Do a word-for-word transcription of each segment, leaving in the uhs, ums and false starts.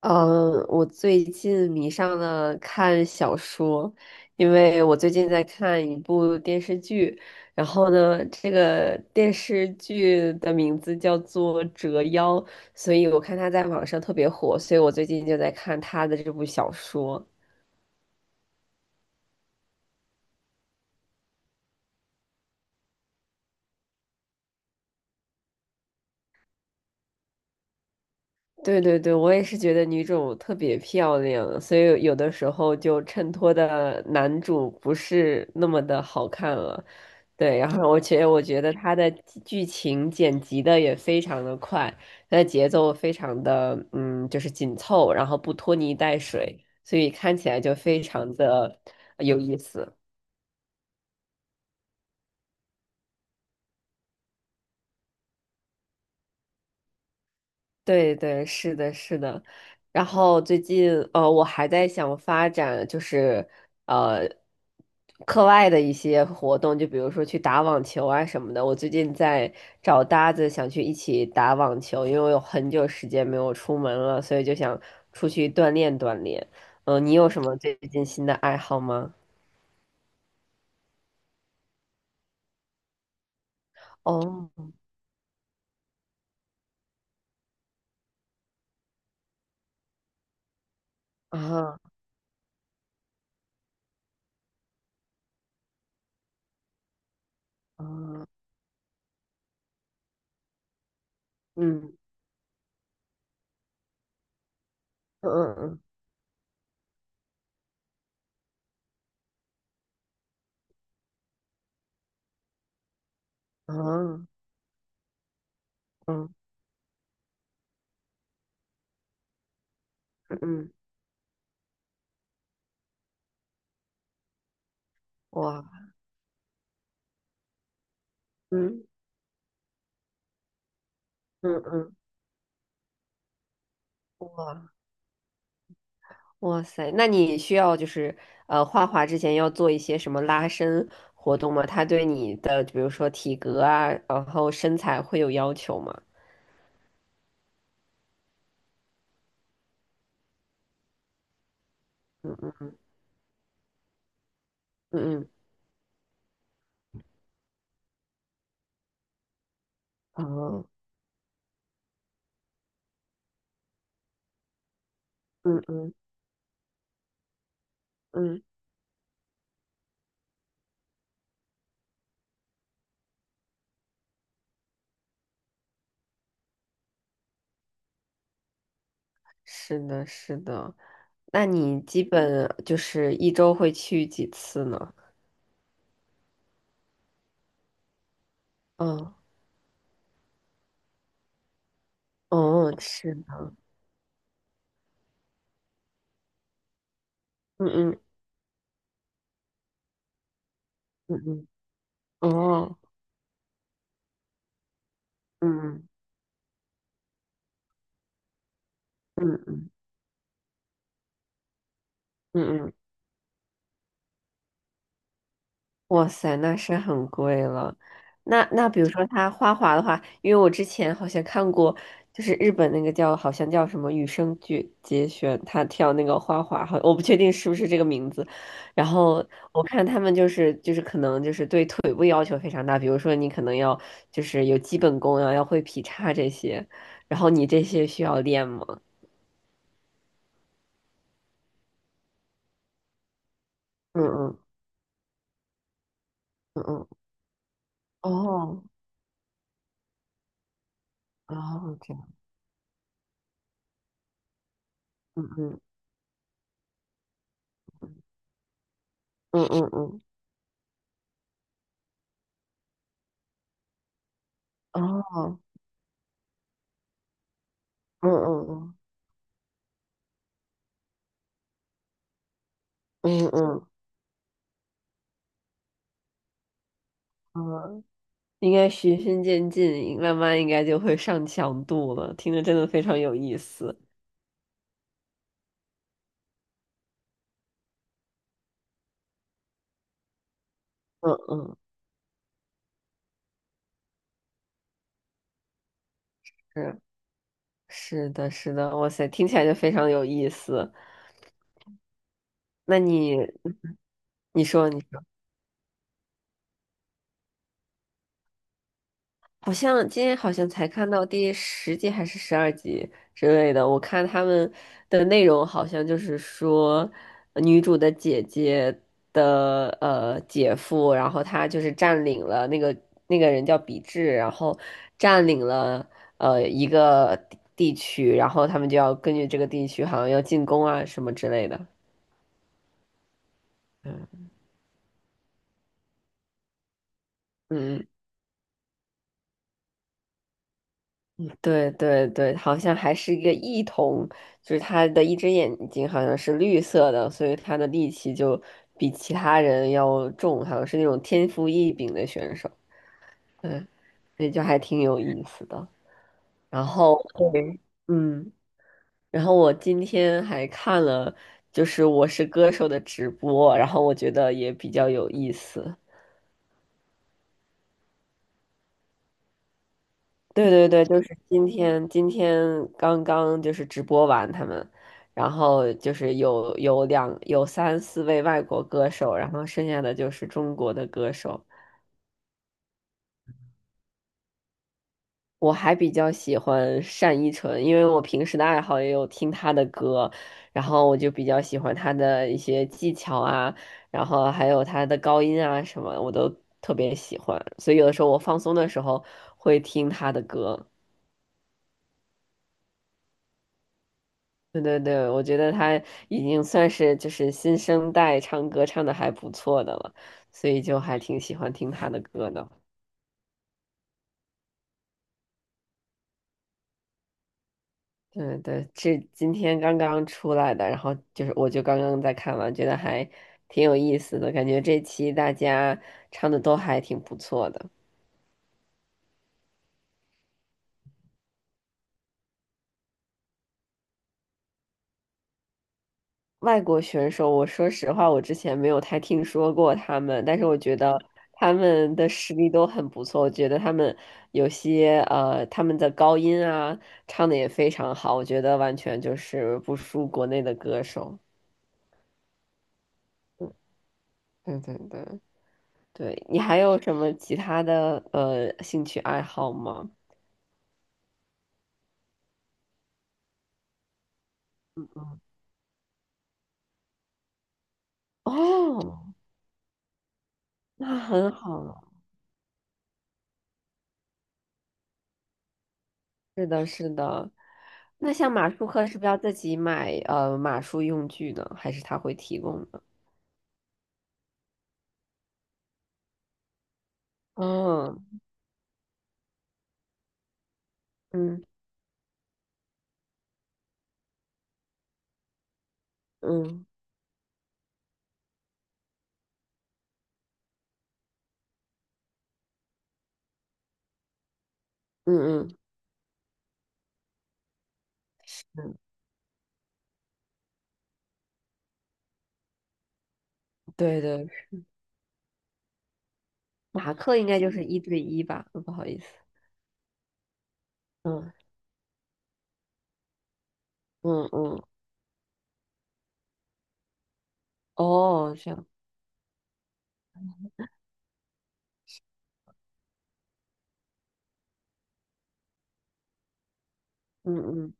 嗯，我最近迷上了看小说，因为我最近在看一部电视剧，然后呢，这个电视剧的名字叫做《折腰》，所以我看它在网上特别火，所以我最近就在看它的这部小说。对对对，我也是觉得女主特别漂亮，所以有的时候就衬托的男主不是那么的好看了。对，然后觉觉得我觉得他的剧剧情剪辑的也非常的快，他的节奏非常的嗯，就是紧凑，然后不拖泥带水，所以看起来就非常的有意思。对对，是的，是的。然后最近，呃，我还在想发展，就是呃，课外的一些活动，就比如说去打网球啊什么的。我最近在找搭子，想去一起打网球，因为我有很久时间没有出门了，所以就想出去锻炼锻炼。嗯、你有什么最近新的爱好吗？哦，啊，啊，嗯，嗯嗯嗯，啊嗯嗯嗯，嗯嗯嗯，哇。哇塞，那你需要就是呃画画之前要做一些什么拉伸活动吗？它对你的比如说体格啊，然后身材会有要求吗？嗯嗯嗯嗯嗯哦嗯嗯嗯，是的，是的。那你基本就是一周会去几次呢？嗯哦，是的，嗯嗯嗯嗯，哦，嗯嗯嗯嗯嗯嗯，哇塞，那是很贵了。那那比如说他花滑的话，因为我之前好像看过，就是日本那个叫好像叫什么羽生结结弦，他跳那个花滑，好我不确定是不是这个名字。然后我看他们就是就是可能就是对腿部要求非常大，比如说你可能要就是有基本功啊，要会劈叉这些，然后你这些需要练吗？嗯嗯嗯嗯，哦，哦，这样，嗯嗯嗯嗯嗯，哦，嗯嗯嗯。嗯嗯嗯，应该循序渐进，慢慢应该就会上强度了。听着真的非常有意思。嗯嗯，是，是的，是的，哇塞，听起来就非常有意思。那你嗯你说你。好像今天好像才看到第十集还是十二集之类的，我看他们的内容好像就是说，呃女主的姐姐的呃姐夫，然后他就是占领了那个那个人叫比智，然后占领了呃一个地地区，然后他们就要根据这个地区好像要进攻啊什么之类的，嗯。对对对，好像还是一个异瞳，就是他的一只眼睛好像是绿色的，所以他的力气就比其他人要重，好像是那种天赋异禀的选手。对，所以就还挺有意思的。然后 对，嗯，然后我今天还看了就是《我是歌手》的直播，然后我觉得也比较有意思。对对对，就是今天，今天刚刚就是直播完他们，然后就是有有两有三四位外国歌手，然后剩下的就是中国的歌手。我还比较喜欢单依纯，因为我平时的爱好也有听她的歌，然后我就比较喜欢她的一些技巧啊，然后还有她的高音啊什么，我都特别喜欢，所以有的时候我放松的时候会听她的歌。对对对，我觉得他已经算是就是新生代唱歌唱的还不错的了，所以就还挺喜欢听他的歌的。对对，这今天刚刚出来的，然后就是我就刚刚在看完，觉得还挺有意思的，感觉这期大家唱的都还挺不错的。外国选手，我说实话，我之前没有太听说过他们，但是我觉得他们的实力都很不错。我觉得他们有些呃，他们的高音啊，唱的也非常好，我觉得完全就是不输国内的歌手。对对对，对，你还有什么其他的呃兴趣爱好吗？哦，那很好了。是的，是的。那像马术课是不是要自己买呃马术用具呢？还是他会提供的？嗯，嗯嗯嗯嗯嗯，对对，马克应该就是一对一吧？嗯不好意思，嗯嗯嗯，哦，这样，嗯嗯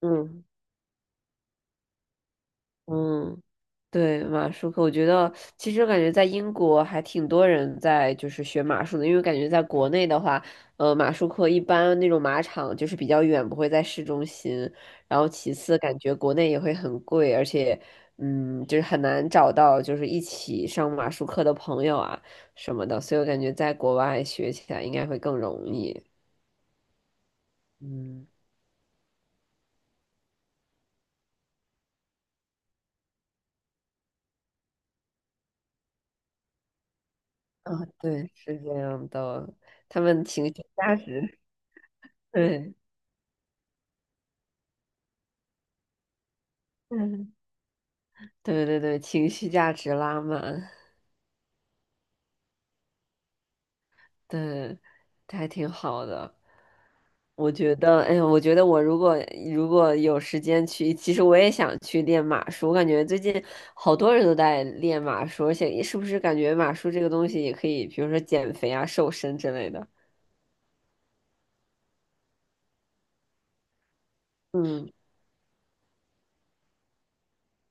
嗯嗯，对，马术课，我觉得其实我感觉在英国还挺多人在就是学马术的，因为感觉在国内的话，呃，马术课一般那种马场就是比较远，不会在市中心。然后其次，感觉国内也会很贵，而且，嗯，就是很难找到就是一起上马术课的朋友啊什么的，所以我感觉在国外学起来应该会更容易。嗯，啊，对，是这样的，他们情绪价值，对，嗯。对对对，情绪价值拉满，对，还挺好的。我觉得，哎呀，我觉得我如果如果有时间去，其实我也想去练马术。我感觉最近好多人都在练马术，而且是不是感觉马术这个东西也可以，比如说减肥啊、瘦身之类的。嗯，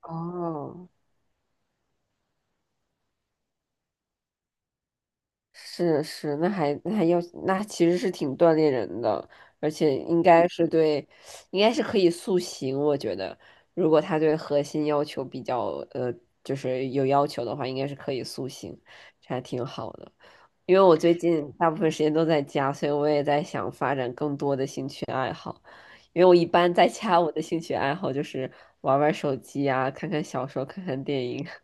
哦，是是，那还那还要那其实是挺锻炼人的，而且应该是对，应该是可以塑形。我觉得，如果他对核心要求比较呃，就是有要求的话，应该是可以塑形，这还挺好的。因为我最近 大部分时间都在家，所以我也在想发展更多的兴趣爱好。因为我一般在家，我的兴趣爱好就是玩玩手机啊，看看小说，看看电影。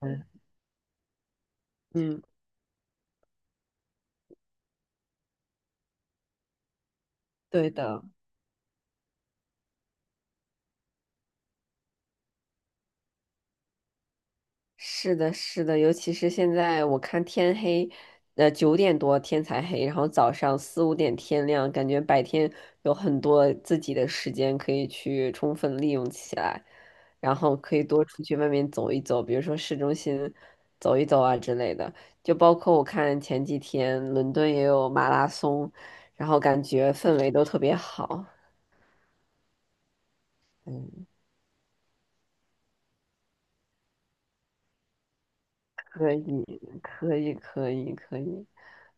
嗯，嗯，对的。是的，是的，尤其是现在我看天黑，呃，九点多天才黑，然后早上四五点天亮，感觉白天有很多自己的时间可以去充分利用起来，然后可以多出去外面走一走，比如说市中心走一走啊之类的。就包括我看前几天伦敦也有马拉松，然后感觉氛围都特别好。嗯。可以，可以，可以，可以。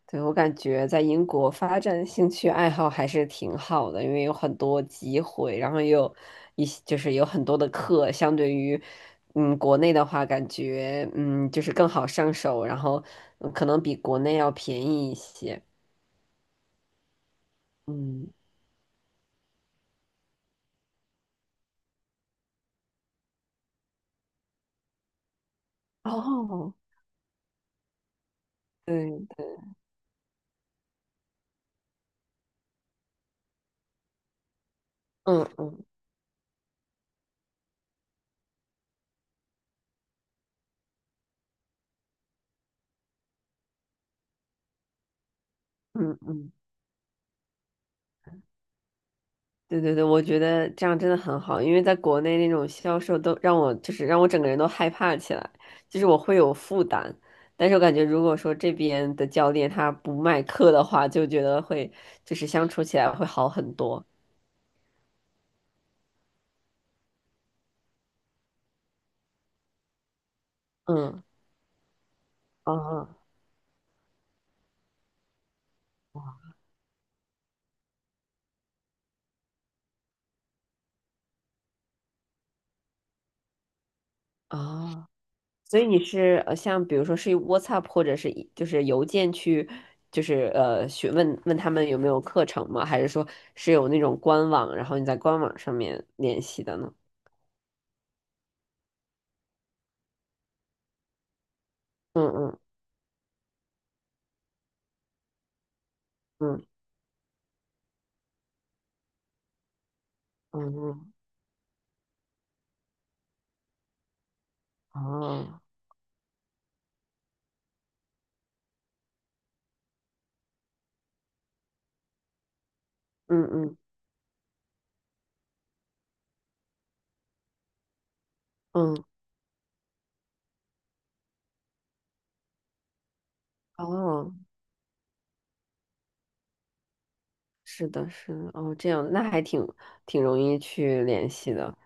对，我感觉在英国发展兴趣爱好还是挺好的，因为有很多机会，然后也有一些就是有很多的课，相对于嗯国内的话，感觉嗯就是更好上手，然后嗯可能比国内要便宜一些。嗯，哦，对对，嗯嗯嗯嗯。对对对，我觉得这样真的很好，因为在国内那种销售都让我就是让我整个人都害怕起来，就是我会有负担。但是我感觉如果说这边的教练他不卖课的话，就觉得会就是相处起来会好很多。嗯，哦哦，所以你是呃像比如说是用 WhatsApp 或者是一就是邮件去就是呃询问问他们有没有课程吗？还是说是有那种官网，然后你在官网上面联系的呢？嗯嗯嗯。嗯，哦，嗯嗯嗯，哦，是的，是的，哦，这样，那还挺挺容易去联系的，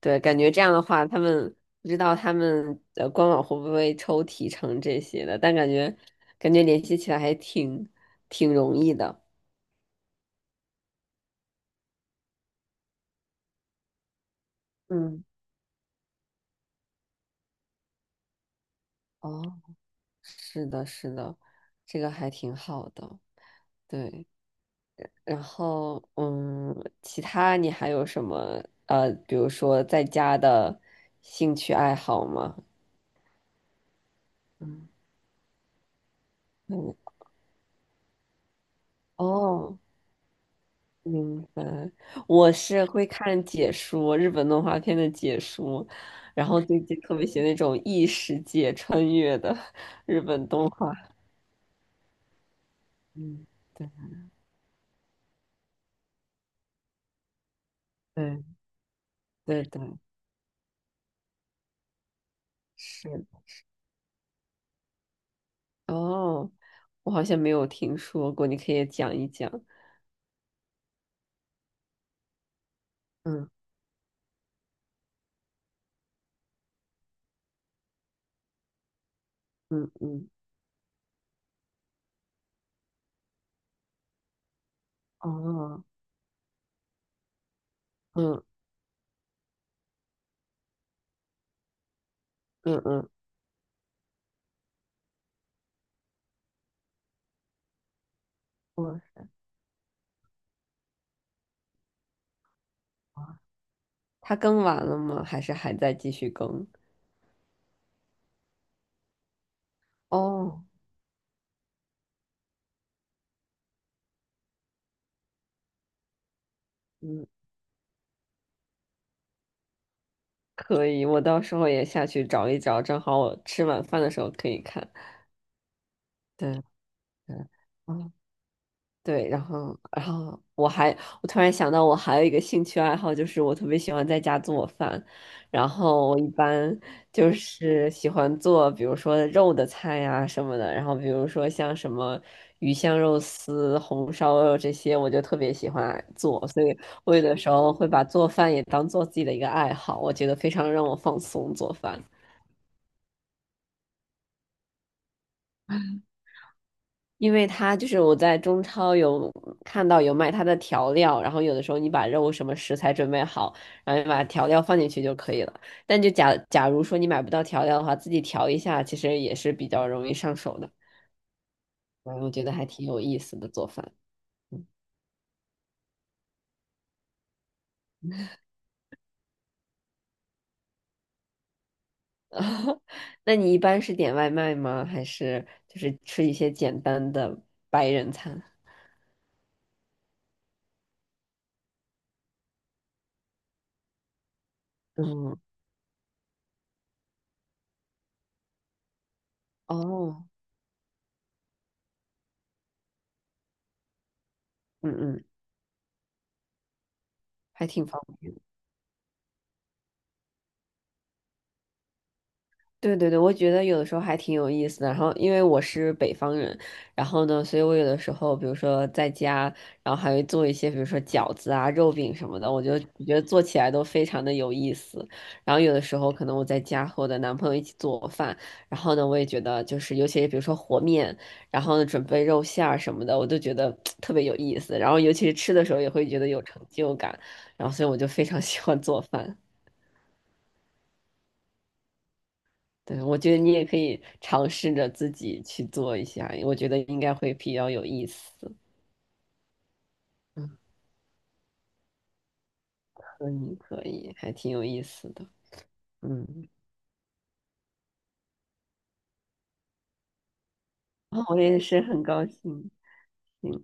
对，感觉这样的话，他们不知道他们呃官网会不会抽提成这些的，但感觉感觉联系起来还挺挺容易的，嗯，哦，是的，是的，这个还挺好的，对。然后，嗯，其他你还有什么呃，比如说在家的兴趣爱好吗？嗯嗯，哦，明白。我是会看解说，日本动画片的解说，然后最近特别喜欢那种异世界穿越的日本动画。嗯，对对对对，是。哦，我好像没有听说过，你可以讲一讲。嗯嗯嗯，哦，嗯嗯嗯。我它更完了吗？还是还在继续更？哦，嗯，可以，我到时候也下去找一找，正好我吃晚饭的时候可以看。对对，哦，对，然后，然后我还，我突然想到，我还有一个兴趣爱好，就是我特别喜欢在家做饭。然后我一般就是喜欢做，比如说肉的菜呀、什么的。然后比如说像什么鱼香肉丝、红烧肉这些，我就特别喜欢做。所以我有的时候会把做饭也当做自己的一个爱好，我觉得非常让我放松做饭。因为它就是我在中超有看到有卖它的调料，然后有的时候你把肉什么食材准备好，然后你把调料放进去就可以了。但就假假如说你买不到调料的话，自己调一下，其实也是比较容易上手的。然后我觉得还挺有意思的做饭。那你一般是点外卖吗？还是就是吃一些简单的白人餐？嗯，哦，嗯嗯，还挺方便。对对对，我觉得有的时候还挺有意思的。然后，因为我是北方人，然后呢，所以我有的时候，比如说在家，然后还会做一些，比如说饺子啊、肉饼什么的，我就我觉得做起来都非常的有意思。然后有的时候，可能我在家和我的男朋友一起做饭，然后呢，我也觉得就是，尤其是比如说和面，然后呢准备肉馅儿什么的，我都觉得 特别有意思。然后尤其是吃的时候，也会觉得有成就感。然后，所以我就非常喜欢做饭。对，我觉得你也可以尝试着自己去做一下，我觉得应该会比较有意思。嗯，可以可以，还挺有意思的。嗯，啊，我也是很高兴。嗯